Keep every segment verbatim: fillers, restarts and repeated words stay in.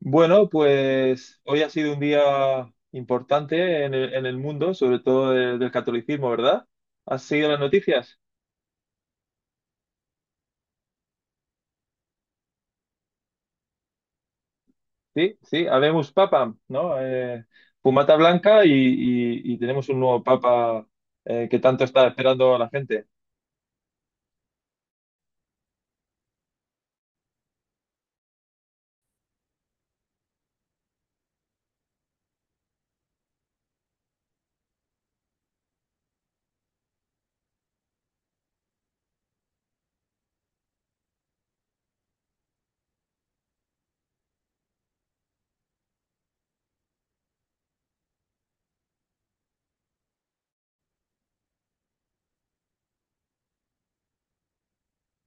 Bueno, pues hoy ha sido un día importante en el, en el mundo, sobre todo de- del catolicismo, ¿verdad? ¿Has seguido las noticias? Sí, sí, habemos papa, ¿no? Eh, fumata blanca y, y- y tenemos un nuevo papa eh, que tanto está esperando a la gente.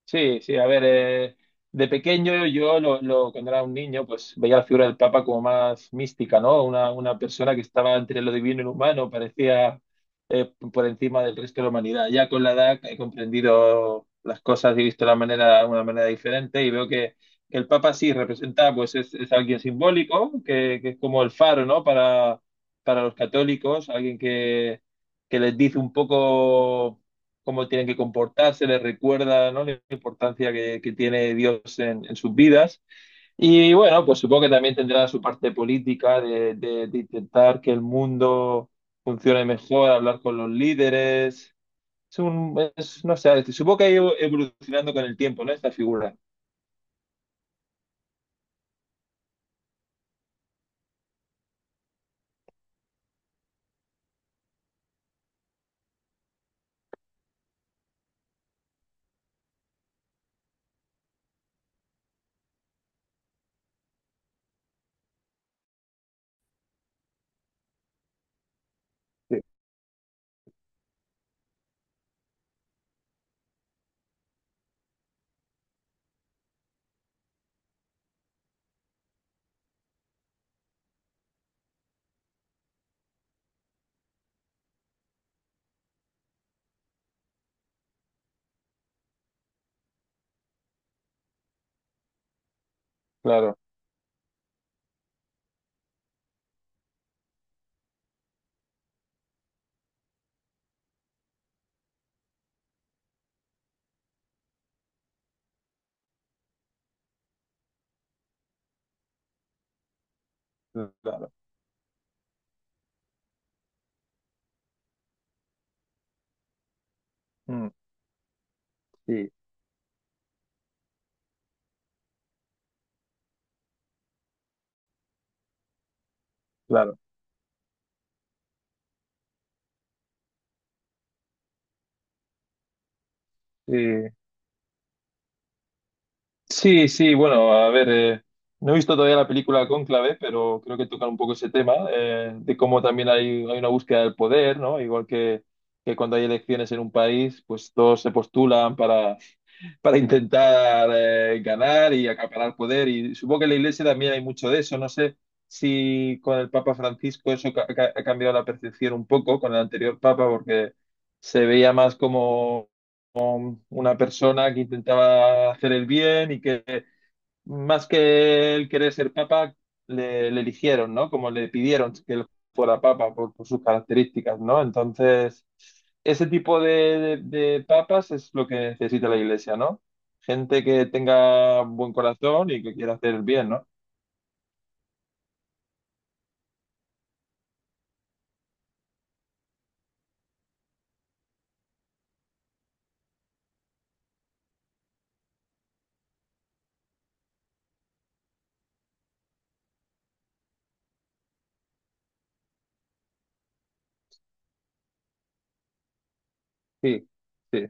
Sí, sí, a ver, eh, de pequeño yo lo, lo- cuando era un niño pues veía la figura del Papa como más mística, ¿no? Una, una persona que estaba entre lo divino y lo humano, parecía eh, por encima del resto de la humanidad. Ya con la edad he comprendido las cosas y he visto la manera, una manera diferente y veo que, que el Papa sí representa, pues es, es alguien simbólico, que, que es como el faro, ¿no? Para, para los católicos, alguien que, que les dice un poco cómo tienen que comportarse, les recuerda, ¿no? Importancia que, que tiene Dios en, en sus vidas. Y bueno, pues supongo que también tendrá su parte política de, de- de intentar que el mundo funcione mejor, hablar con los líderes. Es un, es, no sé, supongo que ha ido evolucionando con el tiempo, ¿no? Esta figura. Sí, claro, claro. Mm, sí, claro. Sí. Sí, sí, bueno, a ver, eh, no he visto todavía la película Cónclave, pero creo que tocan un poco ese tema, eh, de cómo también hay, hay una búsqueda del poder, ¿no? Igual que, que cuando hay elecciones en un país, pues todos se postulan para, para intentar eh, ganar y acaparar poder. Y supongo que en la Iglesia también hay mucho de eso. No sé si con el Papa Francisco eso ca- ca- ha cambiado la percepción un poco con el anterior Papa, porque se veía más como una persona que intentaba hacer el bien y que más que él querer ser papa, le, le eligieron, ¿no? Como le pidieron que él fuera papa por, por sus características, ¿no? Entonces, ese tipo de, de- de papas es lo que necesita la iglesia, ¿no? Gente que tenga buen corazón y que quiera hacer el bien, ¿no? Sí, sí,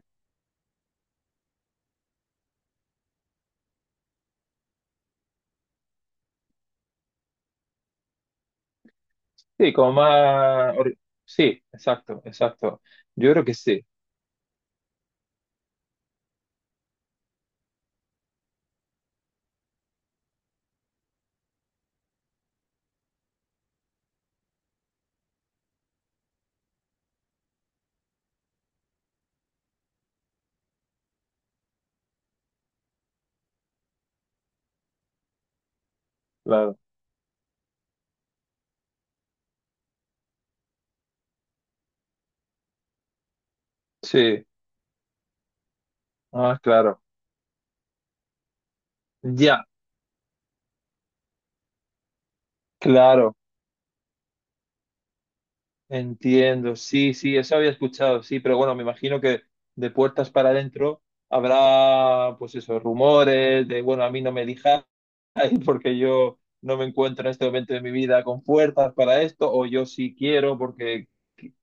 sí, como más... ori- Sí, exacto, exacto. Yo creo que sí, claro. Sí, ah, claro. Ya, claro. Entiendo, sí, sí, eso había escuchado, sí, pero bueno, me imagino que de puertas para adentro habrá, pues eso, rumores de, bueno, a mí no me dijáis porque yo no me encuentro en este momento de mi vida con fuerzas para esto, o yo sí quiero porque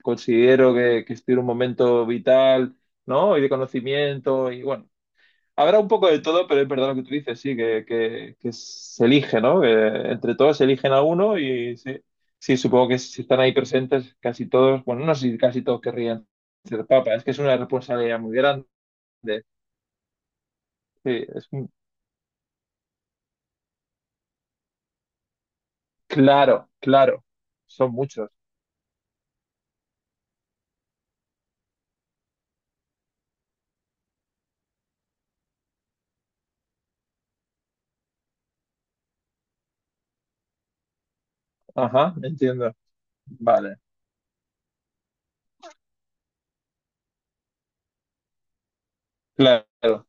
considero que, que estoy en un momento vital, ¿no? Y de conocimiento, y bueno, habrá un poco de todo, pero es verdad lo que tú dices, sí, que, que- que se elige, ¿no? Que entre todos se eligen a uno y sí, sí, supongo que si están ahí presentes casi todos, bueno, no sé si casi todos querrían ser papa, es que es una responsabilidad muy grande. Sí, es un- claro, claro, son muchos. Ajá, entiendo. Vale, claro,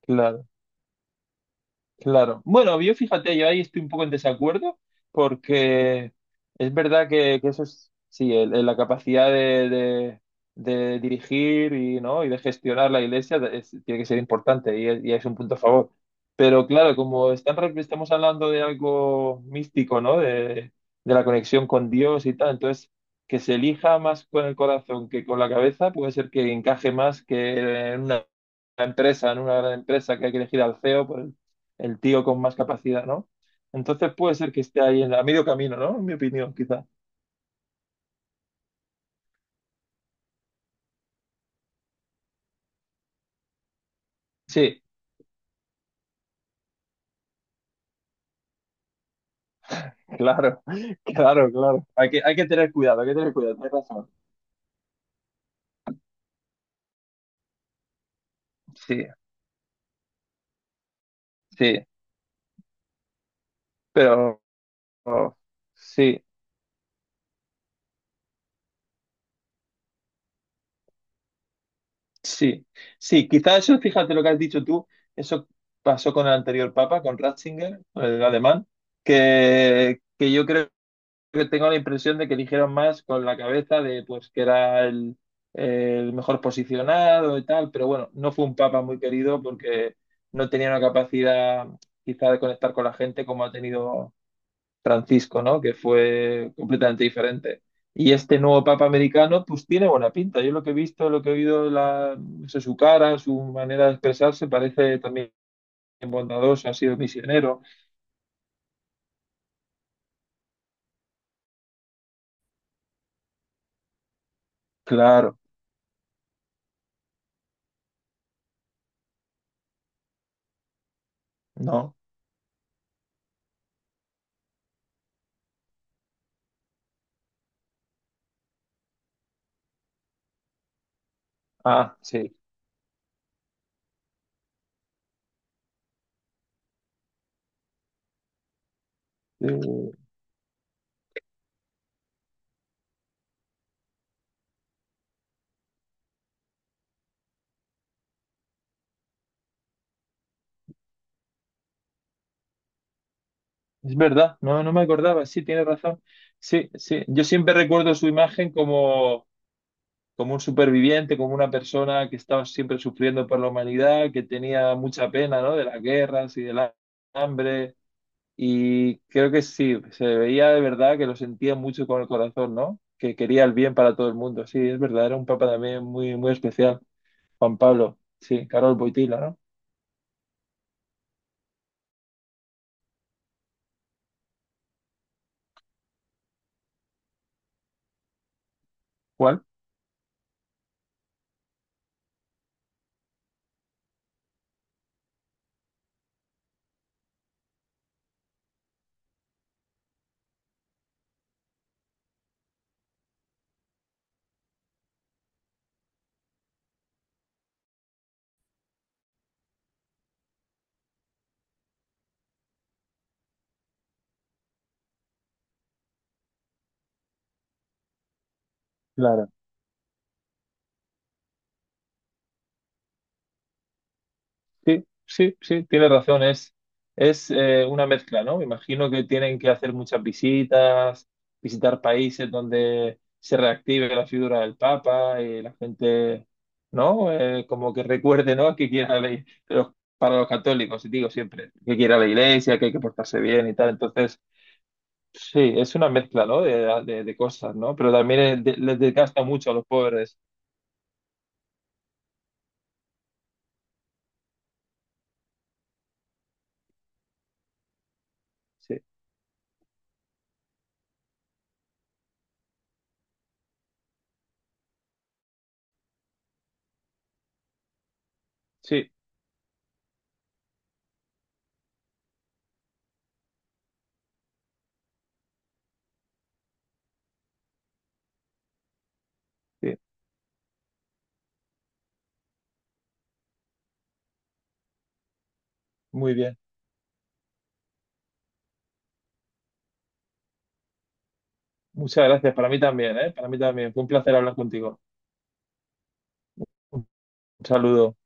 claro. Claro. Bueno, yo fíjate, yo ahí estoy un poco en desacuerdo porque es verdad que, que eso es, sí, el- el- la capacidad de, de- de dirigir y, ¿no? y de gestionar la iglesia es- tiene que ser importante y es, y es un punto a favor. Pero claro, como están, re- estamos hablando de algo místico, ¿no? De, de la conexión con Dios y tal, entonces que se elija más con el corazón que con la cabeza puede ser que encaje más que en una empresa, en una gran empresa que hay que elegir al C E O, pues el tío con más capacidad, ¿no? Entonces puede ser que esté ahí en la- a medio camino, ¿no? En mi opinión, quizás. Sí, claro, claro, claro. Hay que, hay que tener cuidado, hay que tener cuidado, tienes razón. Sí, sí, pero oh, sí, sí, sí, quizás eso, fíjate lo que has dicho tú, eso pasó con el anterior papa, con Ratzinger, con el alemán, que, que yo creo que tengo la impresión de que eligieron más con la cabeza de pues que era el, el mejor posicionado y tal, pero bueno, no fue un papa muy querido porque no tenía una capacidad quizá de conectar con la gente como ha tenido Francisco, ¿no? Que fue completamente diferente. Y este nuevo papa americano pues tiene buena pinta. Yo lo que he visto, lo que he oído, la, no sé, su cara, su manera de expresarse parece también bondadoso, ha sido misionero. Claro, ¿no? Ah, sí. Eh, es verdad, no, no me acordaba, sí, tiene razón. Sí, sí, yo siempre recuerdo su imagen como, como un superviviente, como una persona que estaba siempre sufriendo por la humanidad, que tenía mucha pena, ¿no? De las guerras y del ha- hambre. Y creo que sí, se veía de verdad que lo sentía mucho con el corazón, ¿no? Que quería el bien para todo el mundo. Sí, es verdad, era un papa también muy, muy especial, Juan Pablo. Sí, Carol Boitila, ¿no? ¿Cuál? Sí, sí, sí, tienes razón, es, es eh, una mezcla, ¿no? Me imagino que tienen que hacer muchas visitas, visitar países donde se reactive la figura del Papa y la gente, ¿no? Eh, como que recuerde, ¿no? Que quiera la, i- los- para los católicos, y digo siempre, que quiera la iglesia, que hay que portarse bien y tal. Entonces, sí, es una mezcla, ¿no? De, de- de cosas, ¿no? Pero también es de- les desgasta mucho a los pobres. Sí, sí, sí, muy bien. Muchas gracias, para mí también, ¿eh? Para mí también. Fue un placer hablar contigo. Un saludo.